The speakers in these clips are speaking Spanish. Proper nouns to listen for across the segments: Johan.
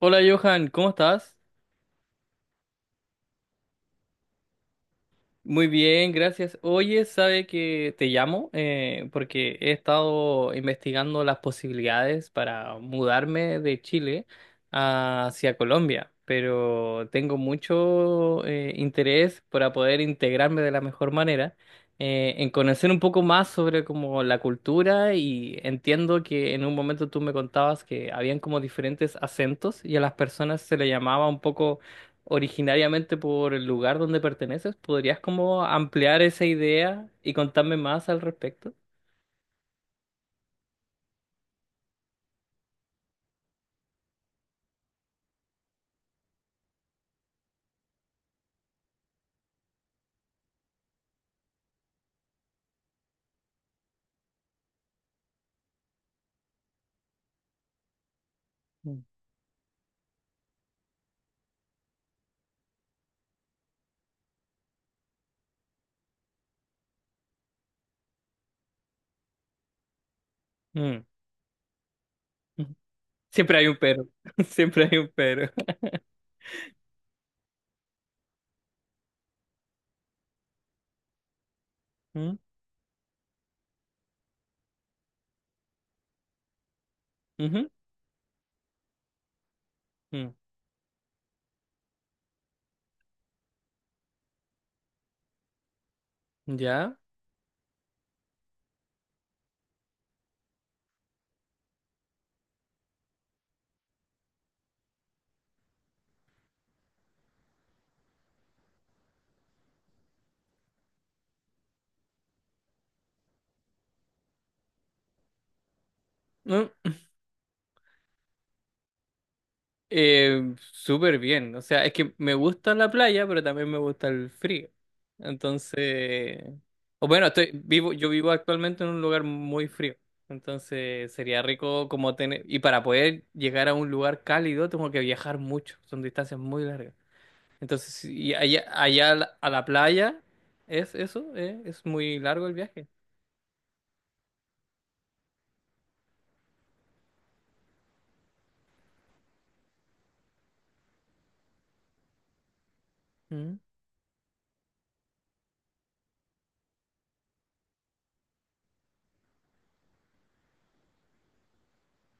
Hola Johan, ¿cómo estás? Muy bien, gracias. Oye, sabe que te llamo porque he estado investigando las posibilidades para mudarme de Chile hacia Colombia, pero tengo mucho interés para poder integrarme de la mejor manera, en conocer un poco más sobre como la cultura y entiendo que en un momento tú me contabas que habían como diferentes acentos y a las personas se le llamaba un poco originariamente por el lugar donde perteneces. ¿Podrías como ampliar esa idea y contarme más al respecto? Mm. Mm. Ujú. Siempre hay un pero, siempre hay un pero. Mm, ujú, mm. ¿Ya? Mm. Súper bien, o sea, es que me gusta la playa, pero también me gusta el frío. Entonces, o bueno, estoy vivo, yo vivo actualmente en un lugar muy frío. Entonces, sería rico como tener, y para poder llegar a un lugar cálido, tengo que viajar mucho, son distancias muy largas. Entonces, y allá, allá a la playa, ¿es eso? ¿Eh? ¿Es muy largo el viaje?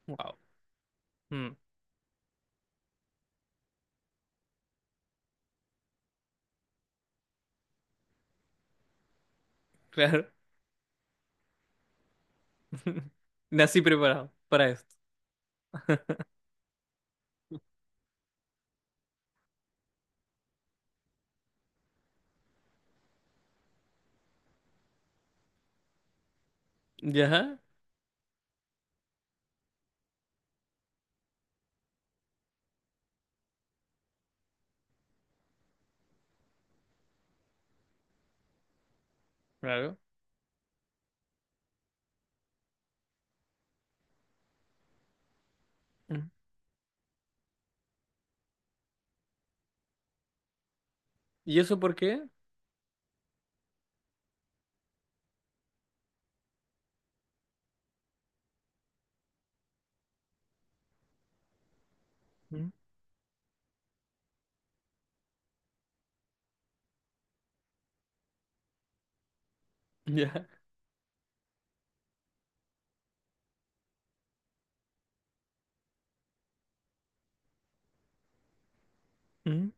Wow. Claro. Nací preparado para esto. Ya, claro. ¿Y eso por qué? Mm, ya. Mm,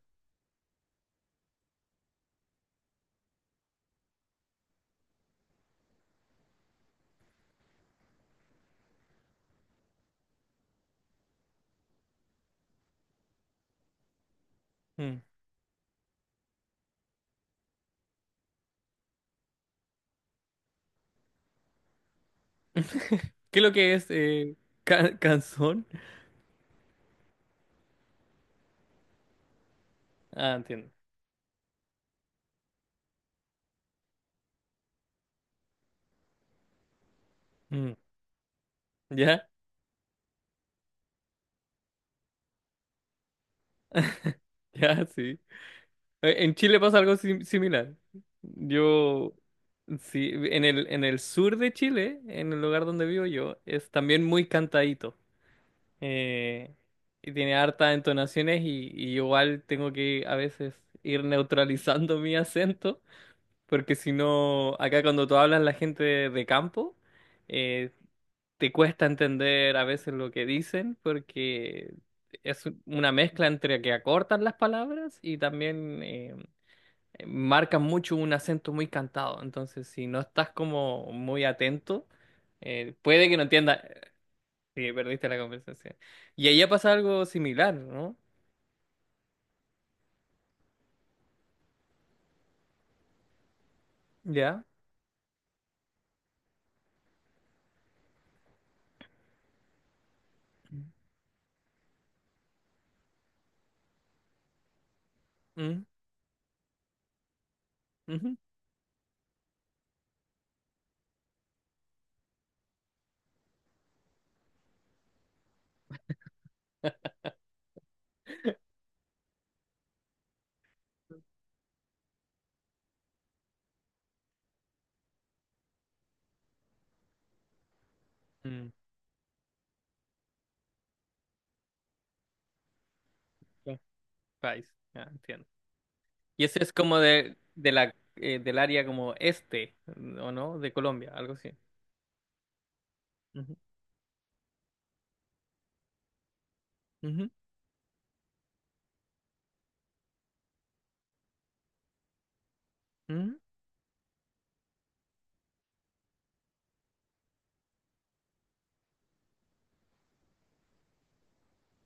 mm, ¿qué es lo que es canzón? Ah, entiendo. Mm. Ya, ya, sí. En Chile pasa algo similar. Yo, sí, en el sur de Chile, en el lugar donde vivo yo, es también muy cantadito. Eh, y tiene hartas entonaciones y igual tengo que a veces ir neutralizando mi acento, porque si no, acá cuando tú hablas la gente de, campo, eh, te cuesta entender a veces lo que dicen porque es una mezcla entre que acortan las palabras y también marcan mucho un acento muy cantado. Entonces, si no estás como muy atento, puede que no entiendas. Sí, perdiste la conversación. Y ahí pasa algo similar, ¿no? Ya. Mm, ujú. Mm, ya, país, ya, entiendo. Y ese es como de la, del área como este, ¿o no? De Colombia, algo así. Ujú, ujú. Mm,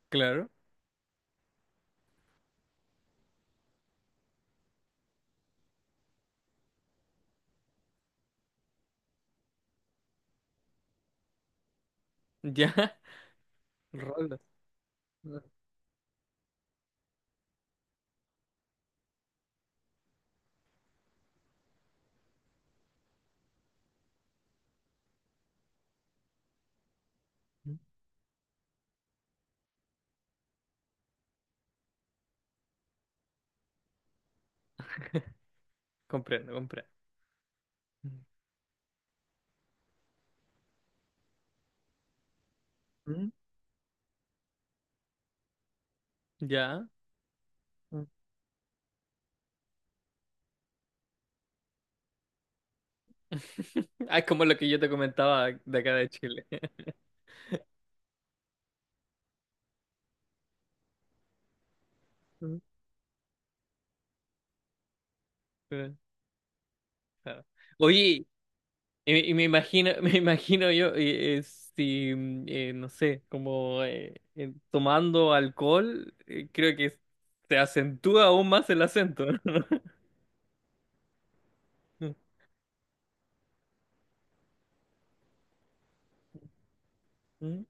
claro, ya. Rolos. Mm, comprendo, comprendo. Mm, ya. Mm. Ah, es como lo que yo te comentaba de acá de Chile. Mm, claro. Claro. Oye, y me imagino, me imagino yo, si, no sé, como tomando alcohol, creo que se acentúa aún más el acento, ¿no? Mm, mm,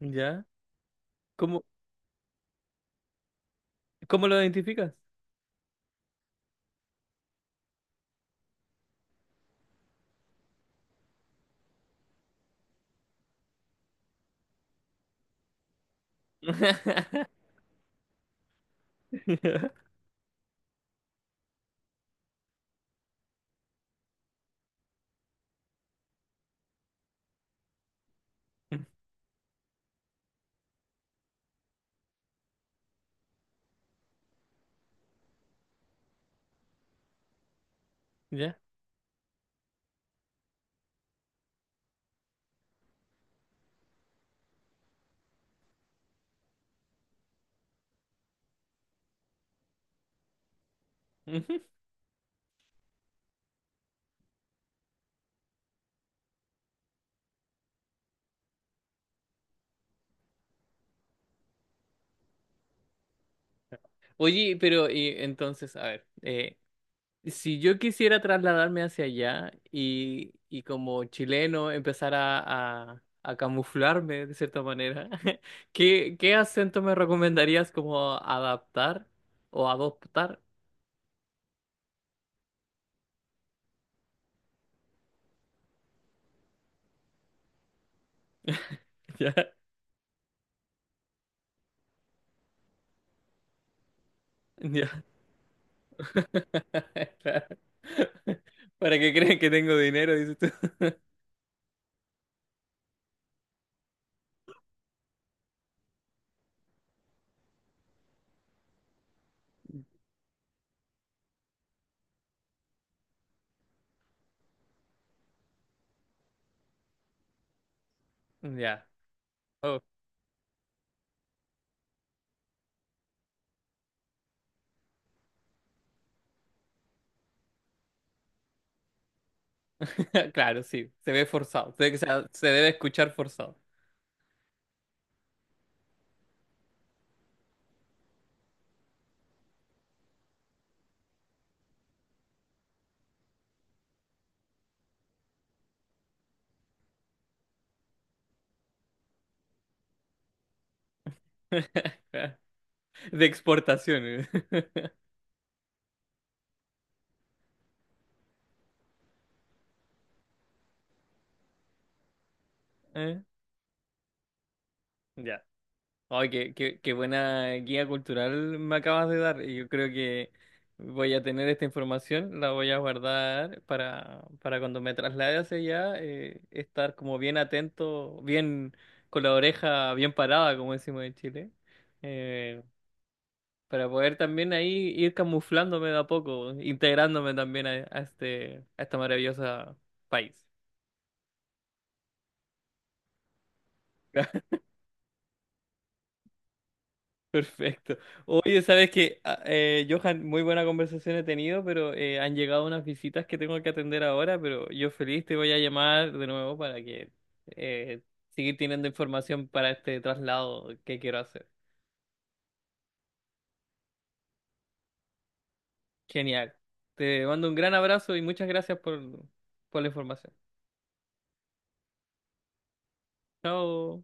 ¿ya? ¿Cómo, ¿cómo lo identificas? ¿Ya? Oye, pero y entonces, a ver, si yo quisiera trasladarme hacia allá y como chileno empezar a camuflarme de cierta manera, ¿qué acento me recomendarías como adaptar o adoptar? Ya, ya. Claro. Para que crean que tengo dinero, dices tú. Ya. Oh, claro, sí, se ve forzado, o sea, se debe escuchar forzado. De exportaciones. Ya. Ay, qué buena guía cultural me acabas de dar. Y yo creo que voy a tener esta información, la voy a guardar para cuando me traslade hacia allá, estar como bien atento, bien con la oreja bien parada, como decimos en Chile, eh, para poder también ahí ir camuflándome de a poco, integrándome también a este maravilloso país. Perfecto. Oye, sabes que, Johan, muy buena conversación he tenido, pero han llegado unas visitas que tengo que atender ahora, pero yo feliz te voy a llamar de nuevo para que eh, seguir teniendo información para este traslado que quiero hacer. Genial. Te mando un gran abrazo y muchas gracias por la información. Chao.